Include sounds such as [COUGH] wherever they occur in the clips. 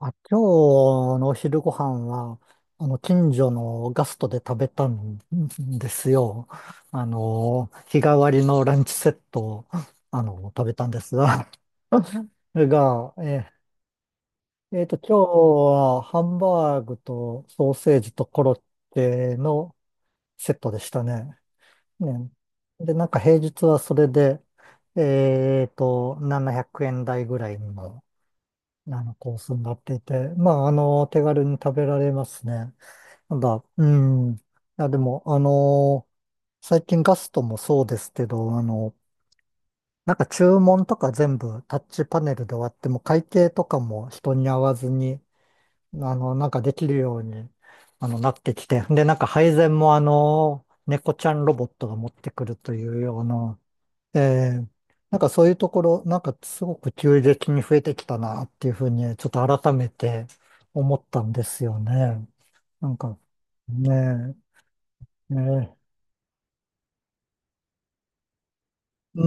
あ、今日のお昼ご飯は、近所のガストで食べたんですよ。日替わりのランチセットを、食べたんですが、[LAUGHS] が、えー、えーと、今日はハンバーグとソーセージとコロッケのセットでしたね。ね。で、なんか平日はそれで、700円台ぐらいの、コースになっていて、まあ、手軽に食べられますね。なんだ、うん。いや、でも、最近ガストもそうですけど、なんか注文とか全部タッチパネルで終わっても、会計とかも人に会わずに、なんかできるように、なってきて、で、なんか配膳もあの猫ちゃんロボットが持ってくるというような、えーなんかそういうところ、なんかすごく急激に増えてきたなっていうふうに、ちょっと改めて思ったんですよね。なんか、ねえ。ええ、う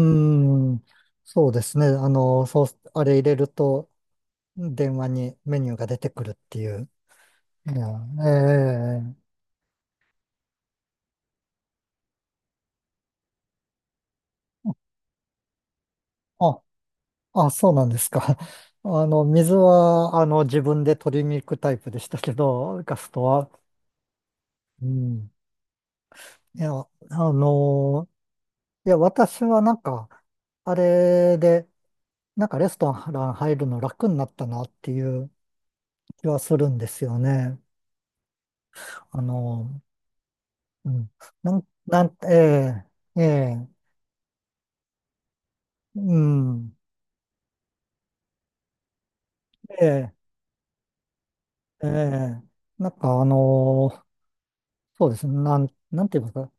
ーん、そうですね。あの、そう、あれ入れると、電話にメニューが出てくるっていう。いや、ええ、あ、あ、そうなんですか。[LAUGHS] あの、水は、自分で取りに行くタイプでしたけど、ガストは。うん。いや、あの、いや、私はなんか、あれで、なんかレストラン入るの楽になったなっていう気はするんですよね。あの、うん。なん、なん、ええ、ええ、うん、ええ、ええ、なんかあのーそうですね、なんて言いますか、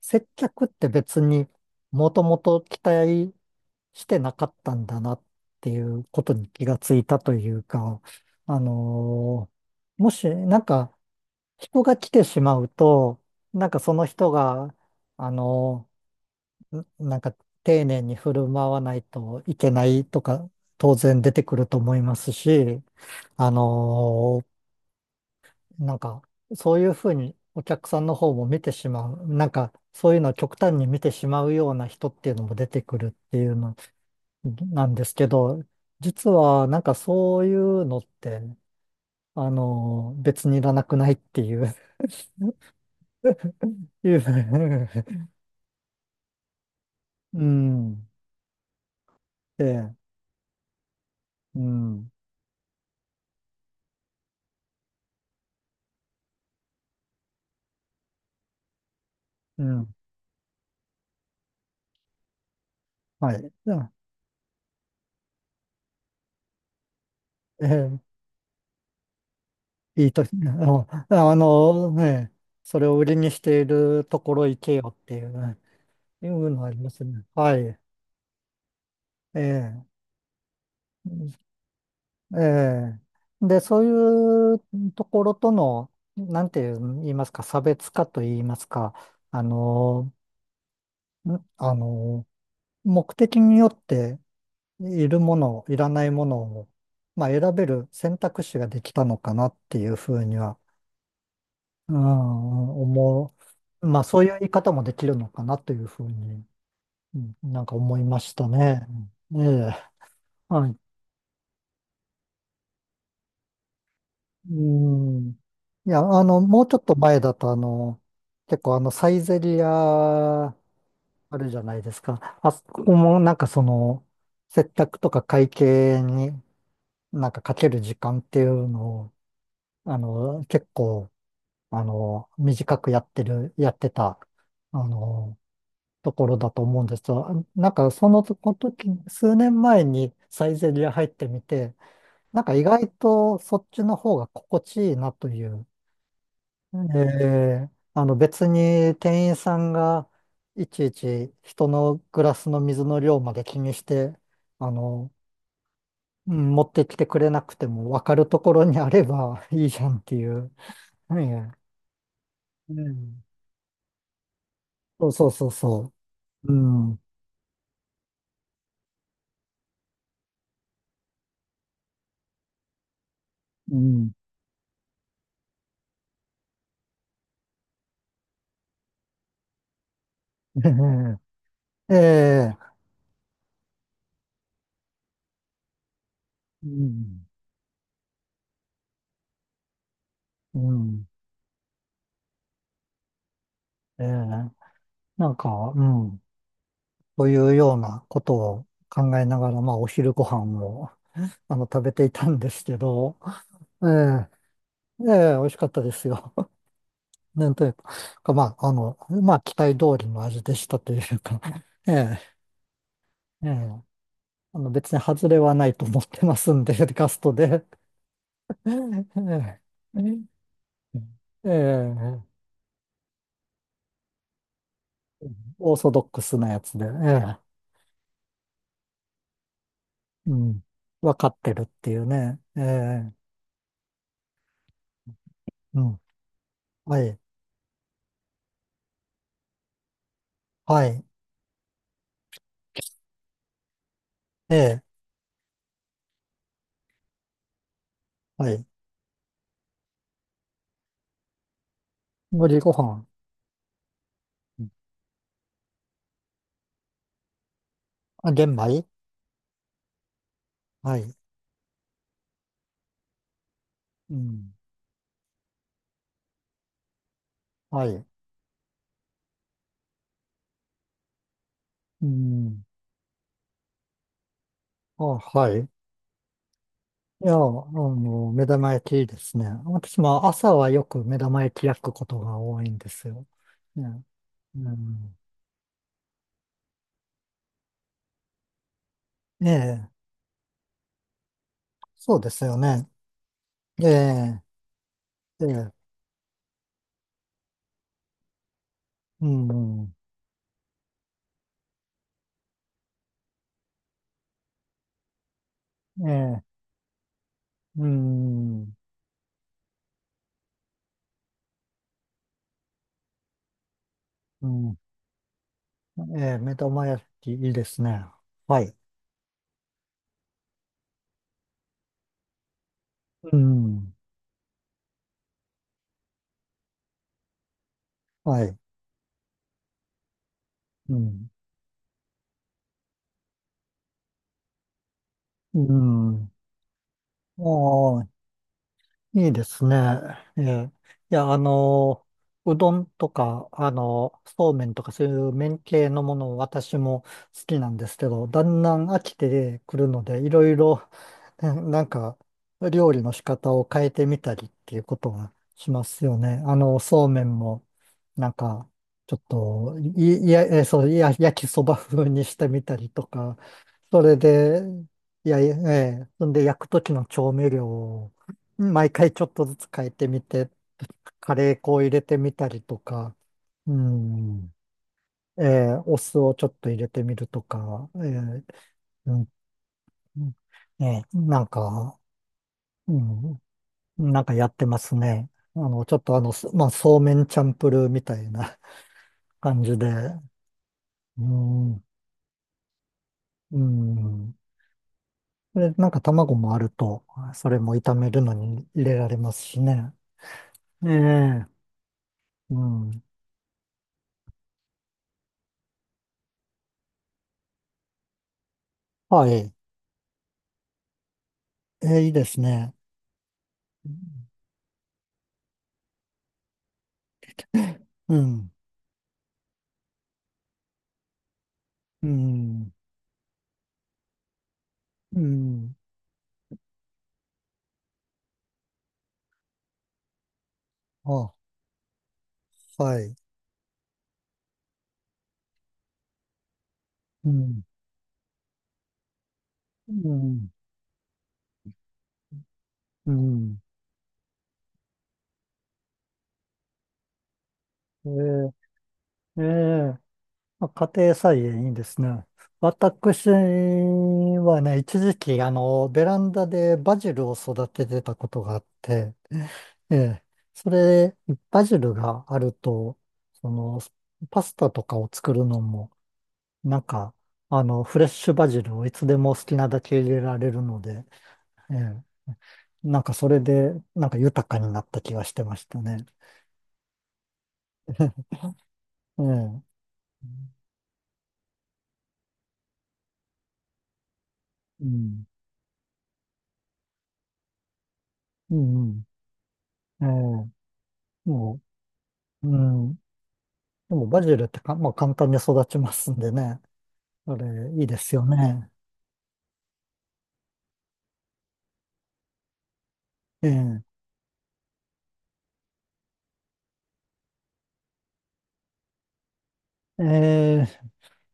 接客って別にもともと期待してなかったんだなっていうことに気がついたというか、あのもし、なんか、人が来てしまうと、なんかその人が、あのーなんか丁寧に振る舞わないといけないとか当然出てくると思いますし、あのーなんかそういうふうにお客さんの方も見てしまう、なんかそういうのを極端に見てしまうような人っていうのも出てくるっていうのなんですけど、実はなんかそういうのって、別にいらなくないっていう、[LAUGHS] いう、うん、で、うん、うん、はい。ええ、いいと、あの、あのね、それを売りにしているところ行けよっていう、いうのはありますね。はい。ええ。ええ。で、そういうところとの、なんて言いますか、差別化と言いますか、あの、あの、目的によっているもの、いらないものを、まあ、選べる選択肢ができたのかなっていうふうには、うん、思う。まあ、そういう言い方もできるのかなというふうに、うん、なんか思いましたね。うん、ええ、はい。うん。いや、もうちょっと前だと、あの、結構あの、サイゼリアあるじゃないですか。あそこもなんかその、接客とか会計になんかかける時間っていうのを、あの、結構、あの、短くやってる、やってた、あの、ところだと思うんですよ、なんかその時、数年前にサイゼリヤ入ってみて、なんか意外とそっちの方が心地いいなという、あの別に店員さんがいちいち人のグラスの水の量まで気にして、あの、うん、持ってきてくれなくても分かるところにあれば [LAUGHS] いいじゃんっていう。うん、うん、そうそうそうそう。うん。うん。[LAUGHS] ええ。うん、うん。ええ、なんか、うん。というようなことを考えながら、まあ、お昼ご飯を、食べていたんですけど、[LAUGHS] ええ、ええ、美味しかったですよ。[LAUGHS] なんというか、まあ、あの、まあ、期待通りの味でしたというか、[LAUGHS] ええ、ええ、あの、別に外れはないと思ってますんで、[LAUGHS] ガストで。[LAUGHS] ええ、ええ、オーソドックスなやつで、ええ、うん、わかってるっていうね、ええ、うん。はい。はい。ええ。はい。無りご飯。あ、玄米、はい。うん。はい。うん。あ、はい。いや、目玉焼きですね。私も朝はよく目玉焼き焼くことが多いんですよ。ね。うん。ええ。そうですよね。ええ。ええ。うん。ええ。うん。うん。ええ。目玉焼きいいですね。はい。うん。はい。うん。うん。おー、いいですね。ええ、いや、うどんとか、あの、そうめんとかそういう麺系のもの、私も好きなんですけど、だんだん飽きてくるので、いろいろ、ななんか、料理の仕方を変えてみたりっていうことはしますよね。あの、そうめんも、なんか、ちょっと、い、いや、えそう、いや、焼きそば風にしてみたりとか、それで、いや、ええ、そんで焼くときの調味料を毎回ちょっとずつ変えてみて、カレー粉を入れてみたりとか、うん、ええ、お酢をちょっと入れてみるとか、ええ、うん、ええ、なんか、うん、なんかやってますね。あの、ちょっとあの、すまあ、そうめんチャンプルーみたいな [LAUGHS] 感じで、うん、うん。で、なんか卵もあると、それも炒めるのに入れられますしね。ええ、うん。はい。え、いいですね。うん、うん、うん。あ、はい。うん、うん、うん。ええ、ええ、まあ家庭菜園いいですね。私はね、一時期、ベランダでバジルを育ててたことがあって、ええ、それ、バジルがあると、その、パスタとかを作るのも、なんか、フレッシュバジルをいつでも好きなだけ入れられるので、ええ、なんかそれで、なんか豊かになった気がしてましたね。[LAUGHS] ええ、うん、うん、うん、ええ、もう、うん。でもバジルってか、まあ、簡単に育ちますんでね。あれ、いいですよね。ええ、ええ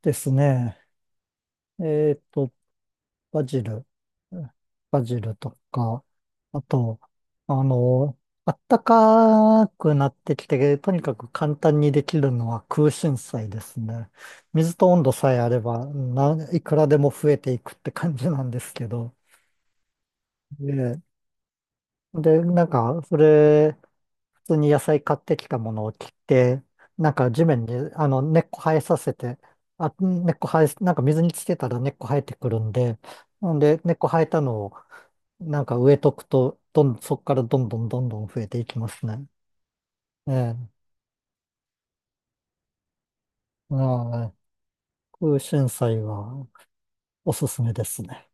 ですね。えっと、バジル、バジルとか、あと、あの、あったかくなってきて、とにかく簡単にできるのは空心菜ですね。水と温度さえあれば、な、いくらでも増えていくって感じなんですけど。で、で、なんか、それ、普通に野菜買ってきたものを切って、なんか地面にあの根っこ生えさせて、あ、根っこ生え、なんか水につけたら根っこ生えてくるんで、なんで根っこ生えたのをなんか植えとくと、そこからどんどんどんどん増えていきますね。ええ、うん、空心菜はおすすめですね。